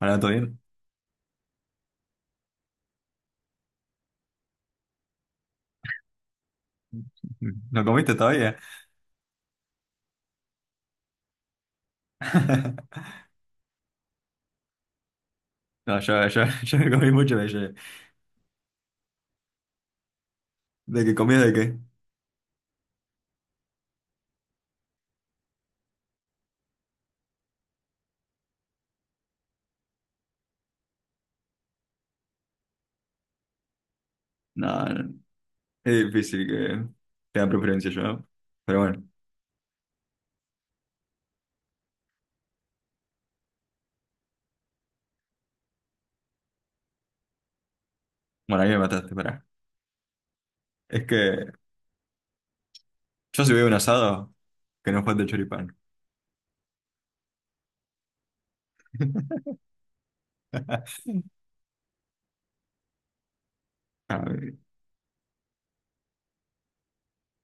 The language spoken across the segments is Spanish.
Hola, ¿todo bien? ¿No comiste todavía? No, yo, yo me comí mucho de ayer. ¿De qué comí de qué? No, no, es difícil que tenga preferencia yo. Pero bueno, ahí me mataste, pará. Es que yo si veo un asado, que no falte choripán. A ver,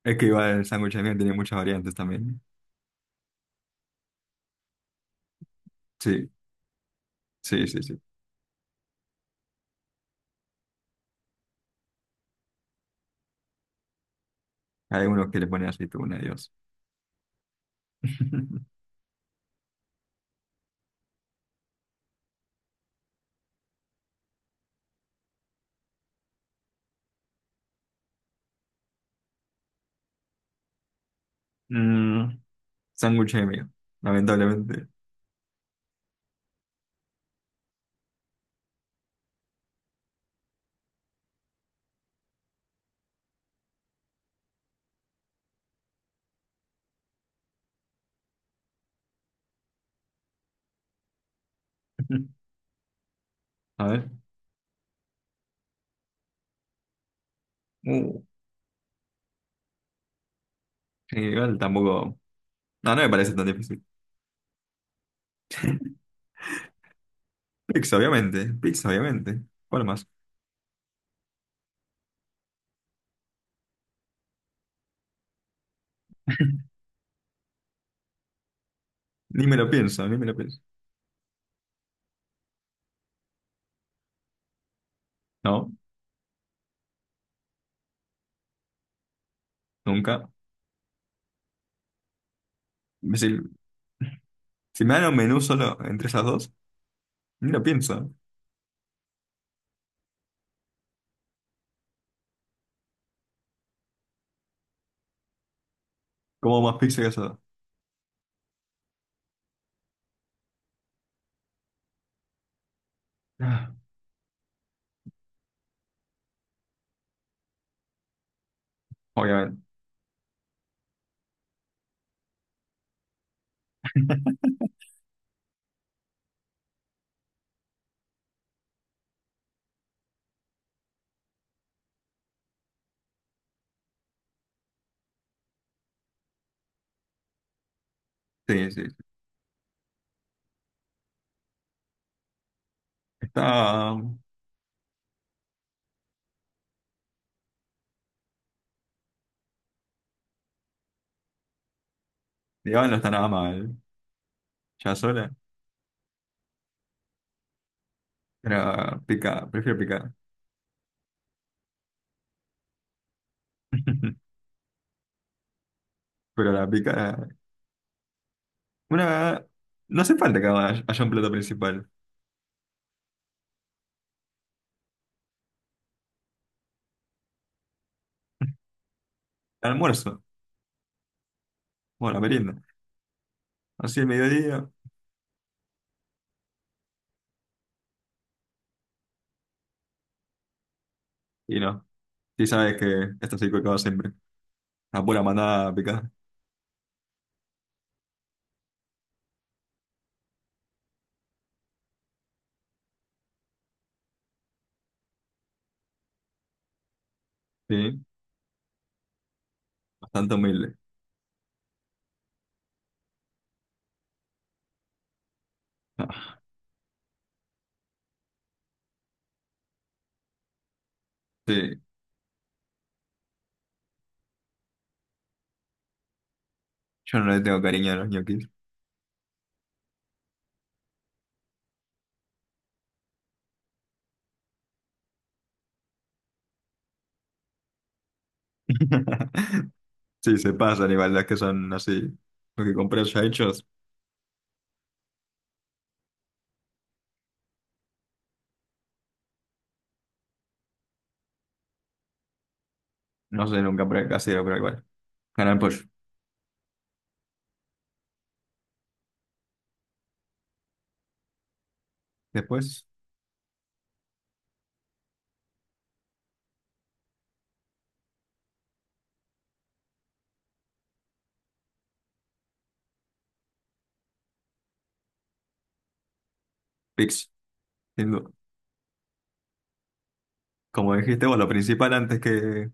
es que igual el sándwich de miel tiene muchas variantes también. Sí, sí, sí, sí. Hay unos que le ponen aceituna, Dios. Mm, sándwich de miel, lamentablemente. A ver. Uh, sí, igual tampoco. No, no me parece tan difícil. Pix, obviamente. Pix, obviamente. ¿Cuál más? Ni me lo pienso, ni me lo pienso. No, nunca. Es decir, si me dan un menú solo entre esas dos, ni lo pienso. ¿Como más pizza que esas dos? Ah, obviamente. Sí, sí. Sí. Está. Digamos, no está nada mal. Ya sola. Pero pica, prefiero picar. Pero la pica. Una. No hace falta que haya un plato principal. Almuerzo. Bueno, merienda. Así el mediodía. Y no. Sí sabes que esto sí que acaba siempre. Una pura manada picada. Sí, bastante humilde. Ah, sí, yo no le tengo cariño a los ñoquis. Sí, se pasan igual, las que son así. Lo que compré ya hechos, no sé, nunca compré casero, pero igual. Canal Pollo. Después, Pix, sin duda. Como dijiste vos, lo principal antes que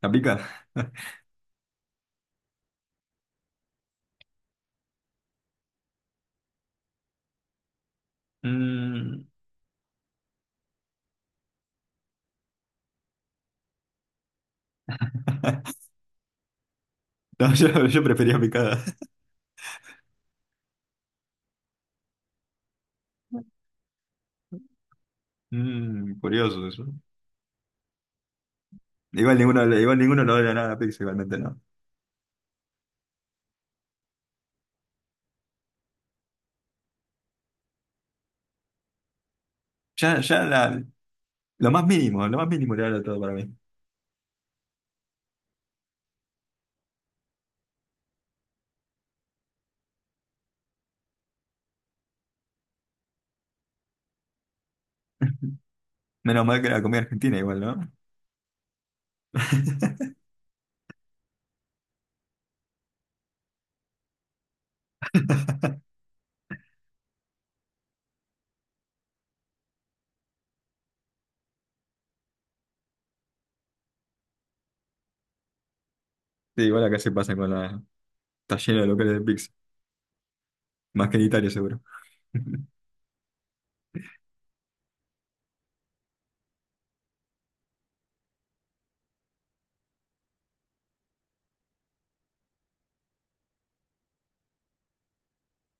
la pica. Mm. No, yo prefería picada. Mm, curioso eso. Igual ninguno, igual ninguno no le odia nada a Pix, igualmente no. Ya, ya la, lo más mínimo le da todo para mí. Menos mal que era comida argentina igual, ¿no? Sí, igual acá se pasa con la... Está lleno de locales de pizza. Más que en Italia, seguro.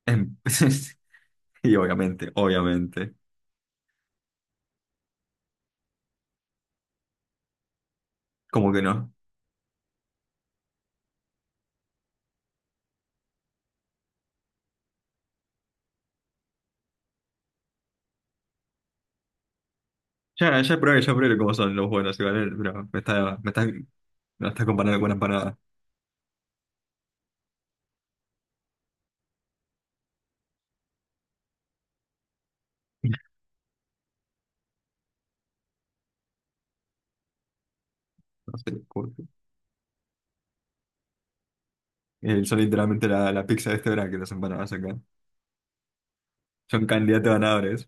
Em, y obviamente, obviamente. ¿Cómo que no? Ya probé cómo son los buenos igual, pero me la está comparando con una empanada. No sé, son literalmente la pizza de este verano que las empanadas acá. Son candidatos ganadores.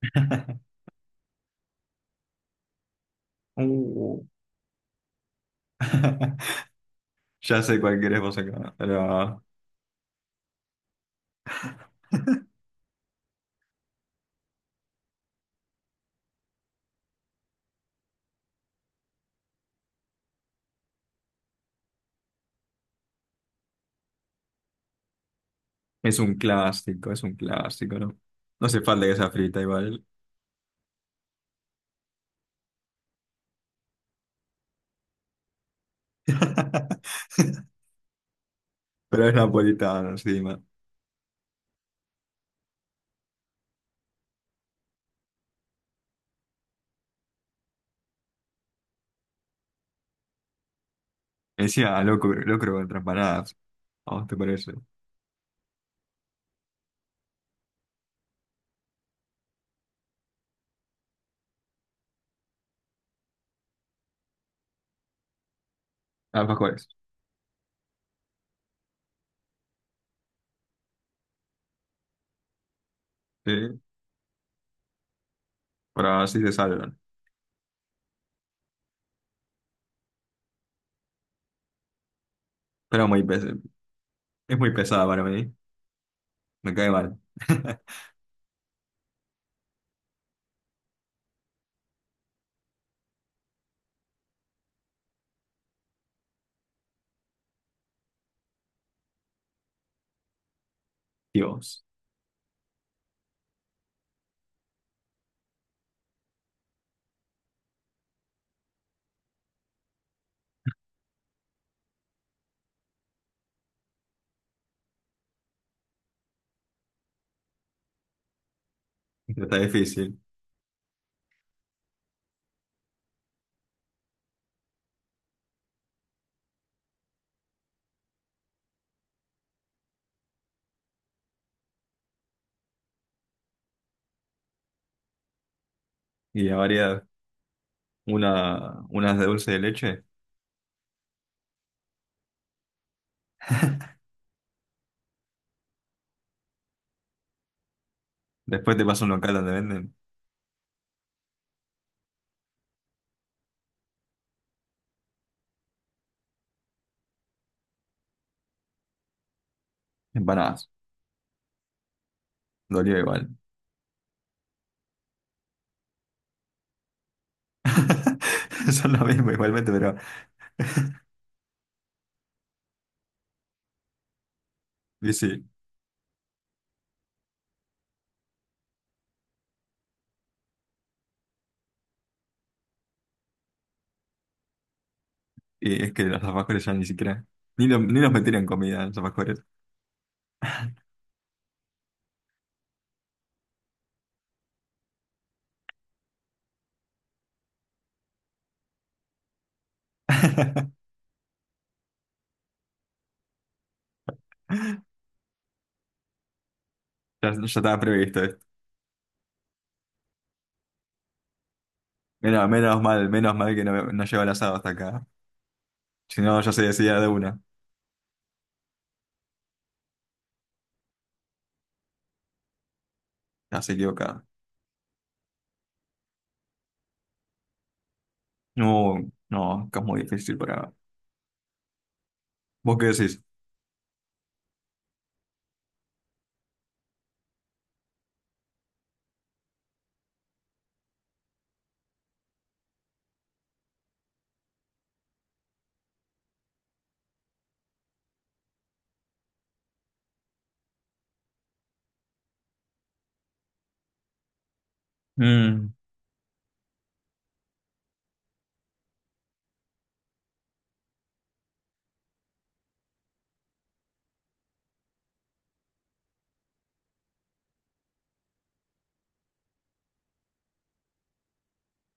Uh. Ya sé cuál querés vos acá. Es un clásico, ¿no? No hace falta que sea frita igual. Pero es napolitano encima. Decía "Ah, loco locro contra empanadas". ¿A vos te parece? Alfajores, sí. Pero así se salvan. Pero muy pes es muy pesada para mí. Me cae mal. Dios, está difícil. Y la variedad, una, unas de dulce de leche. Después te pasa un local donde venden empanadas. Dolió igual. Son lo mismo igualmente, pero... Y sí. Y es que los alfajores ya ni siquiera, ni, ni nos metieron comida los alfajores. Ya estaba previsto esto. Menos mal que no, no llegó el asado hasta acá. Si no, ya se decía de una. Ya se equivocaba. No, no, que es muy difícil para... ¿Vos qué decís? Mm,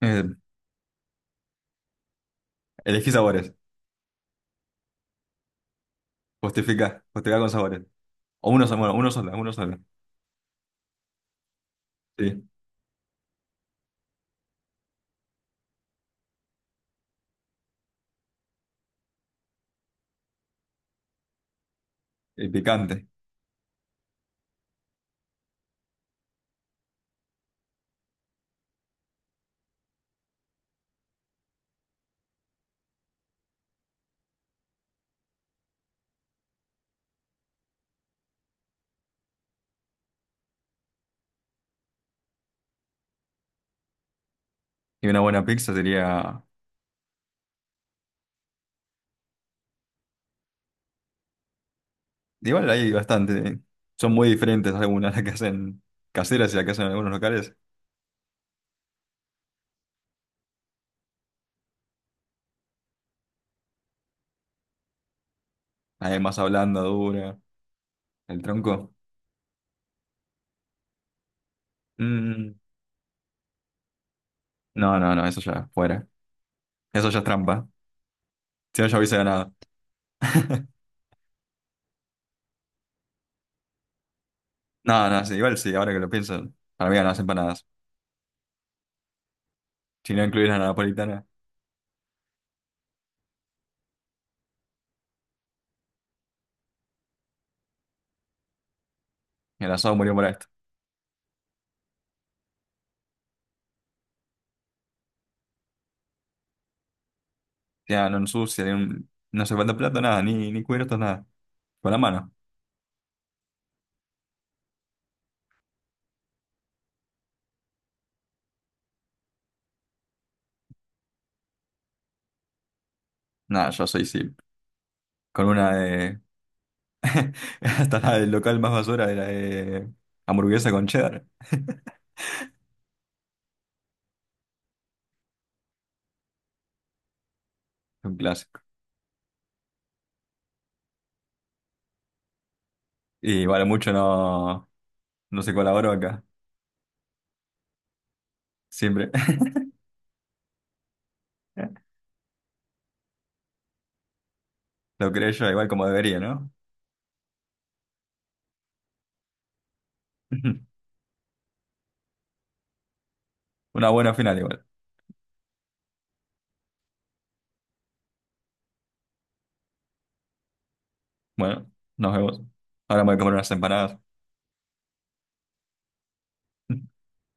eh, elegí sabores. Justifica, justifica con sabores. Bueno, uno solo, uno solo. Sí, y picante. Y una buena pizza sería... Igual hay bastante. Son muy diferentes algunas las que hacen caseras y las que hacen en algunos locales. Además hablando dura. ¿El tronco? Mm, no, no, no, eso ya, fuera. Eso ya es trampa. Si no, ya hubiese ganado. No, no, sí, igual sí, ahora que lo pienso, para mí ganan las empanadas. Si no incluís la napolitana, el asado murió por esto. Ya no ensucia, ni un- no hace falta plato, nada, ni, ni cubiertos, nada. Con la mano. Nada, yo soy sí. Con una de. Hasta la del local más basura era de hamburguesa con cheddar. Un clásico. Y vale, mucho no, no se colaboró acá. Siempre. Lo creé yo igual como debería, ¿no? Una buena final igual. Bueno, nos vemos. Ahora me voy a comer unas empanadas.